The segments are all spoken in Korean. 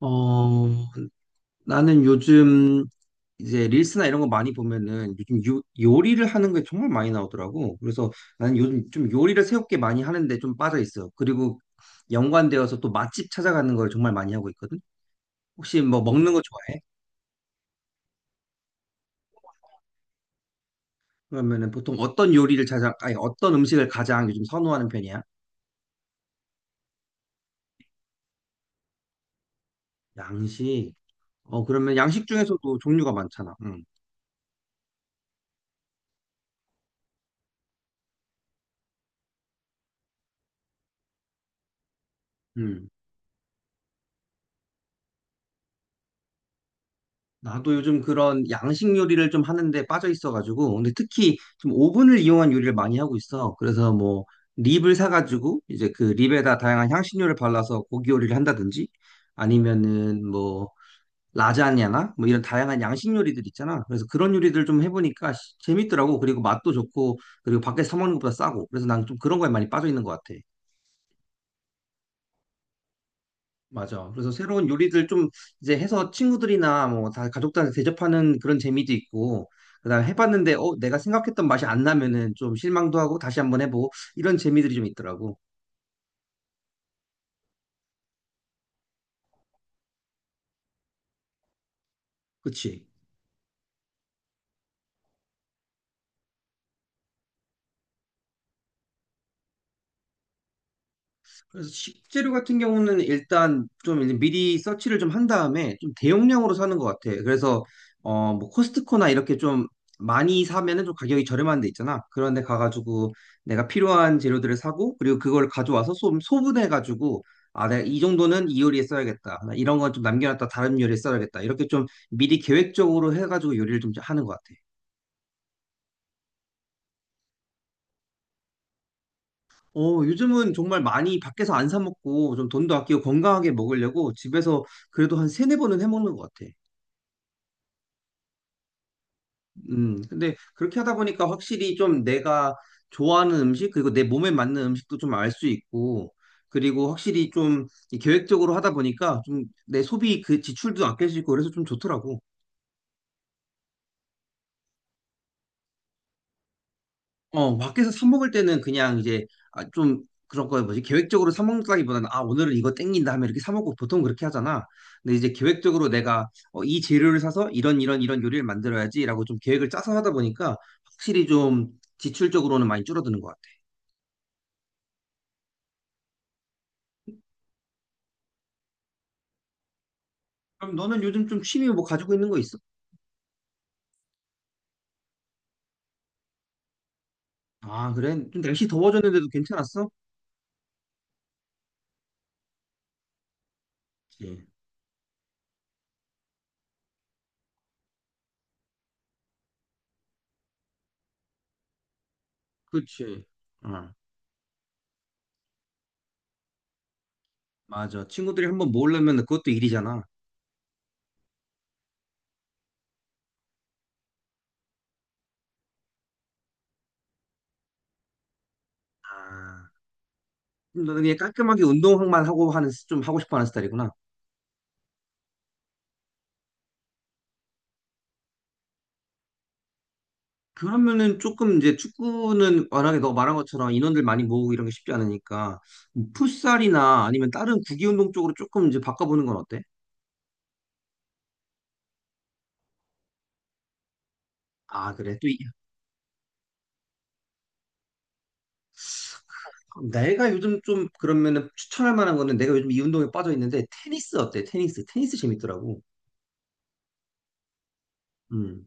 어, 나는 요즘 이제 릴스나 이런 거 많이 보면은 요즘 요리를 하는 게 정말 많이 나오더라고. 그래서 나는 요즘 좀 요리를 새롭게 많이 하는데 좀 빠져 있어. 그리고 연관되어서 또 맛집 찾아가는 걸 정말 많이 하고 있거든. 혹시 뭐 먹는 거 좋아해? 그러면은 보통 어떤 요리를 찾아, 아니 어떤 음식을 가장 요즘 선호하는 편이야? 양식. 그러면 양식 중에서도 종류가 많잖아. 응. 음. 나도 요즘 그런 양식 요리를 좀 하는데 빠져 있어가지고, 근데 특히 좀 오븐을 이용한 요리를 많이 하고 있어. 그래서 뭐, 립을 사가지고, 이제 그 립에다 다양한 향신료를 발라서 고기 요리를 한다든지, 아니면은 뭐, 라자냐나, 뭐 이런 다양한 양식 요리들 있잖아. 그래서 그런 요리들 좀 해보니까 재밌더라고. 그리고 맛도 좋고, 그리고 밖에서 사 먹는 것보다 싸고. 그래서 난 좀 그런 거에 많이 빠져 있는 것 같아. 맞아. 그래서 새로운 요리들 좀 이제 해서 친구들이나 뭐 다 가족들한테 대접하는 그런 재미도 있고, 그다음 해봤는데 내가 생각했던 맛이 안 나면은 좀 실망도 하고 다시 한번 해보고 이런 재미들이 좀 있더라고. 그치? 그래서 식재료 같은 경우는 일단 좀 이제 미리 서치를 좀 한 다음에 좀 대용량으로 사는 것 같아. 그래서 뭐 코스트코나 이렇게 좀 많이 사면은 좀 가격이 저렴한 데 있잖아. 그런 데 가가지고 내가 필요한 재료들을 사고 그리고 그걸 가져와서 소분해가지고 아, 내가 이 정도는 이 요리에 써야겠다. 나 이런 건 좀 남겨놨다 다른 요리에 써야겠다. 이렇게 좀 미리 계획적으로 해가지고 요리를 좀 하는 것 같아. 요즘은 정말 많이 밖에서 안 사 먹고 좀 돈도 아끼고 건강하게 먹으려고 집에서 그래도 한 세네 번은 해 먹는 것 같아. 근데 그렇게 하다 보니까 확실히 좀 내가 좋아하는 음식, 그리고 내 몸에 맞는 음식도 좀 알 수 있고, 그리고 확실히 좀이 계획적으로 하다 보니까 좀 내 소비 그 지출도 아낄 수 있고 그래서 좀 좋더라고. 밖에서 사 먹을 때는 그냥 이제 아, 좀 그런 거 뭐지? 계획적으로 사 먹는다기보다는 아, 오늘은 이거 땡긴다 하면 이렇게 사 먹고 보통 그렇게 하잖아. 근데 이제 계획적으로 내가 이 재료를 사서 이런 요리를 만들어야지라고 좀 계획을 짜서 하다 보니까 확실히 좀 지출적으로는 많이 줄어드는 것 같아. 그럼 너는 요즘 좀 취미 뭐 가지고 있는 거 있어? 아, 그래? 좀 날씨 더워졌는데도 괜찮았어? 그치. 그치. 어, 맞아. 친구들이 한번 모으려면 그것도 일이잖아. 아, 그럼 너는 그냥 깔끔하게 운동만 하고 하는 좀 하고 싶어 하는 스타일이구나. 그러면은 조금 이제 축구는 워낙에 너 말한 것처럼 인원들 많이 모으고 이런 게 쉽지 않으니까 풋살이나 아니면 다른 구기 운동 쪽으로 조금 이제 바꿔보는 건 어때? 아, 그래. 또 내가 요즘 좀 그러면은 추천할 만한 거는 내가 요즘 이 운동에 빠져 있는데 테니스 어때? 테니스. 테니스 재밌더라고. 음.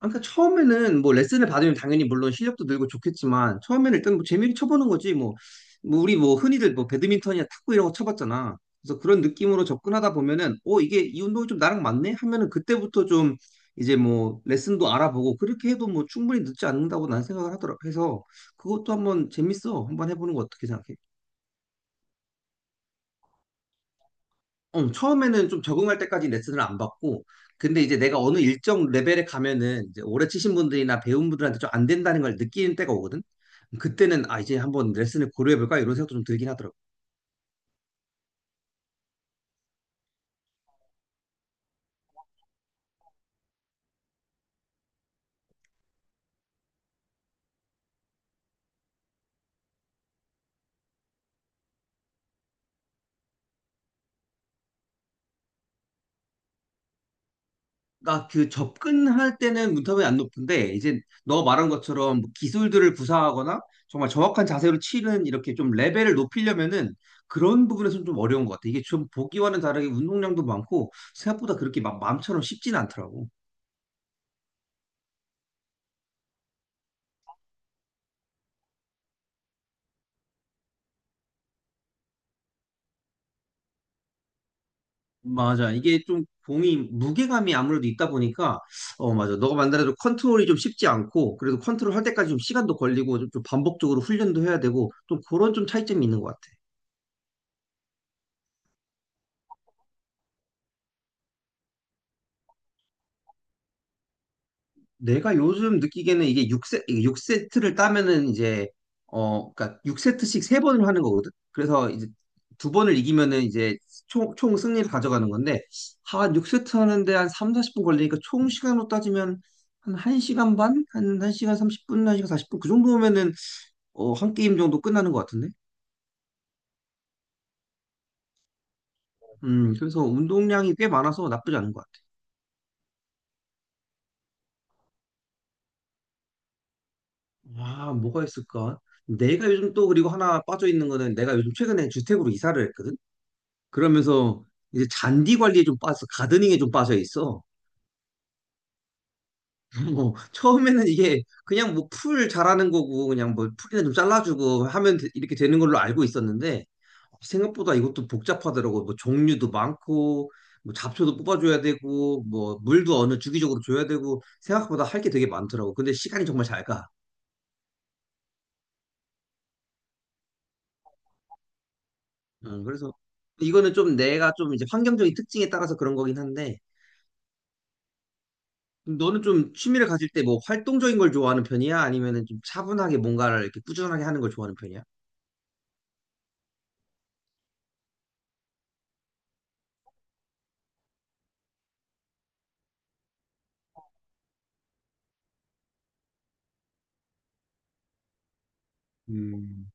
아, 그러니까 처음에는 뭐 레슨을 받으면 당연히 물론 실력도 늘고 좋겠지만 처음에는 일단 뭐 재미를 쳐보는 거지 뭐, 뭐 우리 뭐 흔히들 뭐 배드민턴이나 탁구 이런 거 쳐봤잖아. 그래서 그런 느낌으로 접근하다 보면은 이게 이 운동이 좀 나랑 맞네 하면은 그때부터 좀 이제 뭐 레슨도 알아보고 그렇게 해도 뭐 충분히 늦지 않는다고 난 생각을 하더라. 해서 그것도 한번 재밌어. 한번 해보는 거 어떻게 생각해? 처음에는 좀 적응할 때까지 레슨을 안 받고, 근데 이제 내가 어느 일정 레벨에 가면은 이제 오래 치신 분들이나 배운 분들한테 좀 안 된다는 걸 느끼는 때가 오거든? 그때는 아, 이제 한번 레슨을 고려해볼까? 이런 생각도 좀 들긴 하더라고. 나 그 접근할 때는 문턱이 안 높은데, 이제 너 말한 것처럼 뭐 기술들을 구사하거나 정말 정확한 자세로 치는 이렇게 좀 레벨을 높이려면은 그런 부분에서는 좀 어려운 것 같아. 이게 좀 보기와는 다르게 운동량도 많고, 생각보다 그렇게 막 마음처럼 쉽진 않더라고. 맞아. 이게 좀 공이 무게감이 아무래도 있다 보니까 맞아. 너가 만들어도 컨트롤이 좀 쉽지 않고 그래도 컨트롤 할 때까지 좀 시간도 걸리고 좀 반복적으로 훈련도 해야 되고 좀 그런 좀 차이점이 있는 것 같아. 내가 요즘 느끼기에는 이게 6세, 육세트를 따면은 이제 그러니까 6세트씩 세번을 하는 거거든. 그래서 이제 두 번을 이기면은 이제 총 승리를 가져가는 건데 한 6세트 하는데 한 3, 40분 걸리니까 총 시간으로 따지면 한 1시간 반? 한 1시간 30분, 1시간 40분? 그 정도면은 한 게임 정도 끝나는 것 같은데? 그래서 운동량이 꽤 많아서 나쁘지 않은 것 같아. 아, 뭐가 있을까? 내가 요즘 또 그리고 하나 빠져 있는 거는 내가 요즘 최근에 주택으로 이사를 했거든? 그러면서 이제 잔디 관리에 좀 빠져, 가드닝에 좀 빠져 있어. 뭐 처음에는 이게 그냥 뭐 풀 자라는 거고 그냥 뭐 풀이나 좀 잘라주고 하면 이렇게 되는 걸로 알고 있었는데 생각보다 이것도 복잡하더라고. 뭐 종류도 많고 뭐 잡초도 뽑아줘야 되고 뭐 물도 어느 주기적으로 줘야 되고 생각보다 할 게 되게 많더라고. 근데 시간이 정말 잘 가. 그래서 이거는 좀 내가 좀 이제 환경적인 특징에 따라서 그런 거긴 한데 너는 좀 취미를 가질 때 뭐 활동적인 걸 좋아하는 편이야? 아니면은 좀 차분하게 뭔가를 이렇게 꾸준하게 하는 걸 좋아하는 편이야? 음.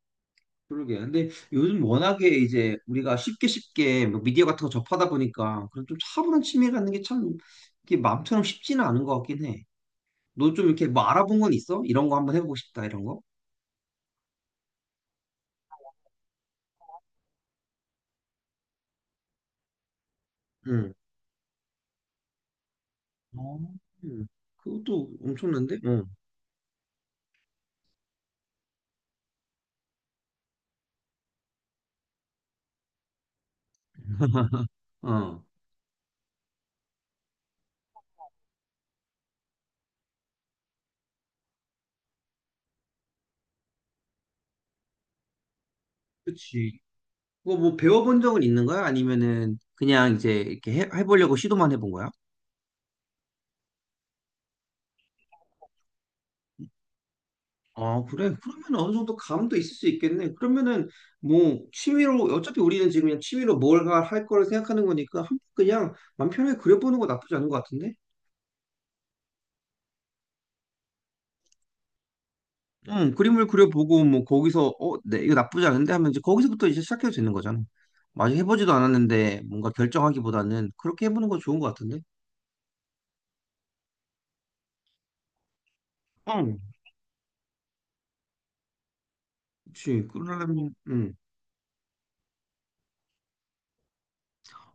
그러게. 근데 요즘 워낙에 이제 우리가 쉽게 쉽게 뭐 미디어 같은 거 접하다 보니까 그런 좀 차분한 취미 갖는 게 참 이게 마음처럼 쉽지는 않은 것 같긴 해. 너 좀 이렇게 뭐 알아본 건 있어? 이런 거 한번 해보고 싶다 이런 거? 응. 어, 음. 그것도 엄청난데? 응. 어. 그치. 그거 뭐 배워본 적은 있는 거야? 아니면은 그냥 이제 이렇게 해보려고 시도만 해본 거야? 아, 그래. 그러면 어느 정도 감도 있을 수 있겠네. 그러면은 뭐 취미로 어차피 우리는 지금 그냥 취미로 뭘 할 거를 생각하는 거니까 한번 그냥 맘 편하게 그려보는 거 나쁘지 않은 것 같은데? 응, 그림을 그려보고 뭐 거기서 네, 이거 나쁘지 않은데 하면 이제 거기서부터 이제 시작해도 되는 거잖아. 아직 해보지도 않았는데 뭔가 결정하기보다는 그렇게 해보는 거 좋은 것 같은데? 응, 그렇지. 그러려면 응.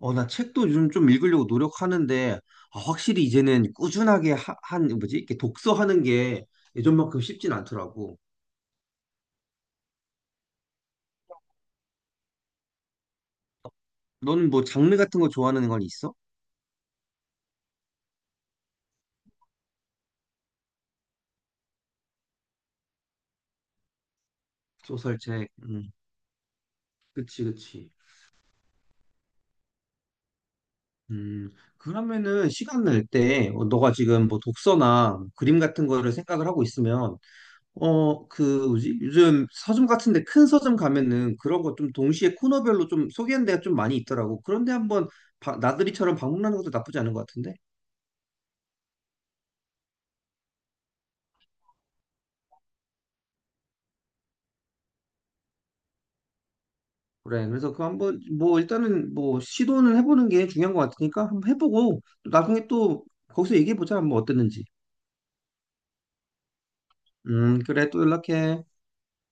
나 책도 요즘 좀 읽으려고 노력하는데, 아, 확실히 이제는 꾸준하게 한 뭐지? 이렇게 독서하는 게 예전만큼 쉽진 않더라고. 너는 뭐 장르 같은 거 좋아하는 건 있어? 소설책. 그치, 그치. 음, 그러면은 시간 날 때, 너가 지금 뭐 독서나 그림 같은 거를 생각을 하고 있으면, 뭐지? 요즘 서점 같은데 큰 서점 가면은 그런 거 좀 동시에 코너별로 좀 소개하는 데가 좀 많이 있더라고. 그런데 한번 나들이처럼 방문하는 것도 나쁘지 않은 것 같은데? 그래. 그래서 그 한번 뭐 일단은 뭐 시도는 해보는 게 중요한 것 같으니까 한번 해보고 또 나중에 또 거기서 얘기해 보자. 뭐 어땠는지. 그래. 또 연락해.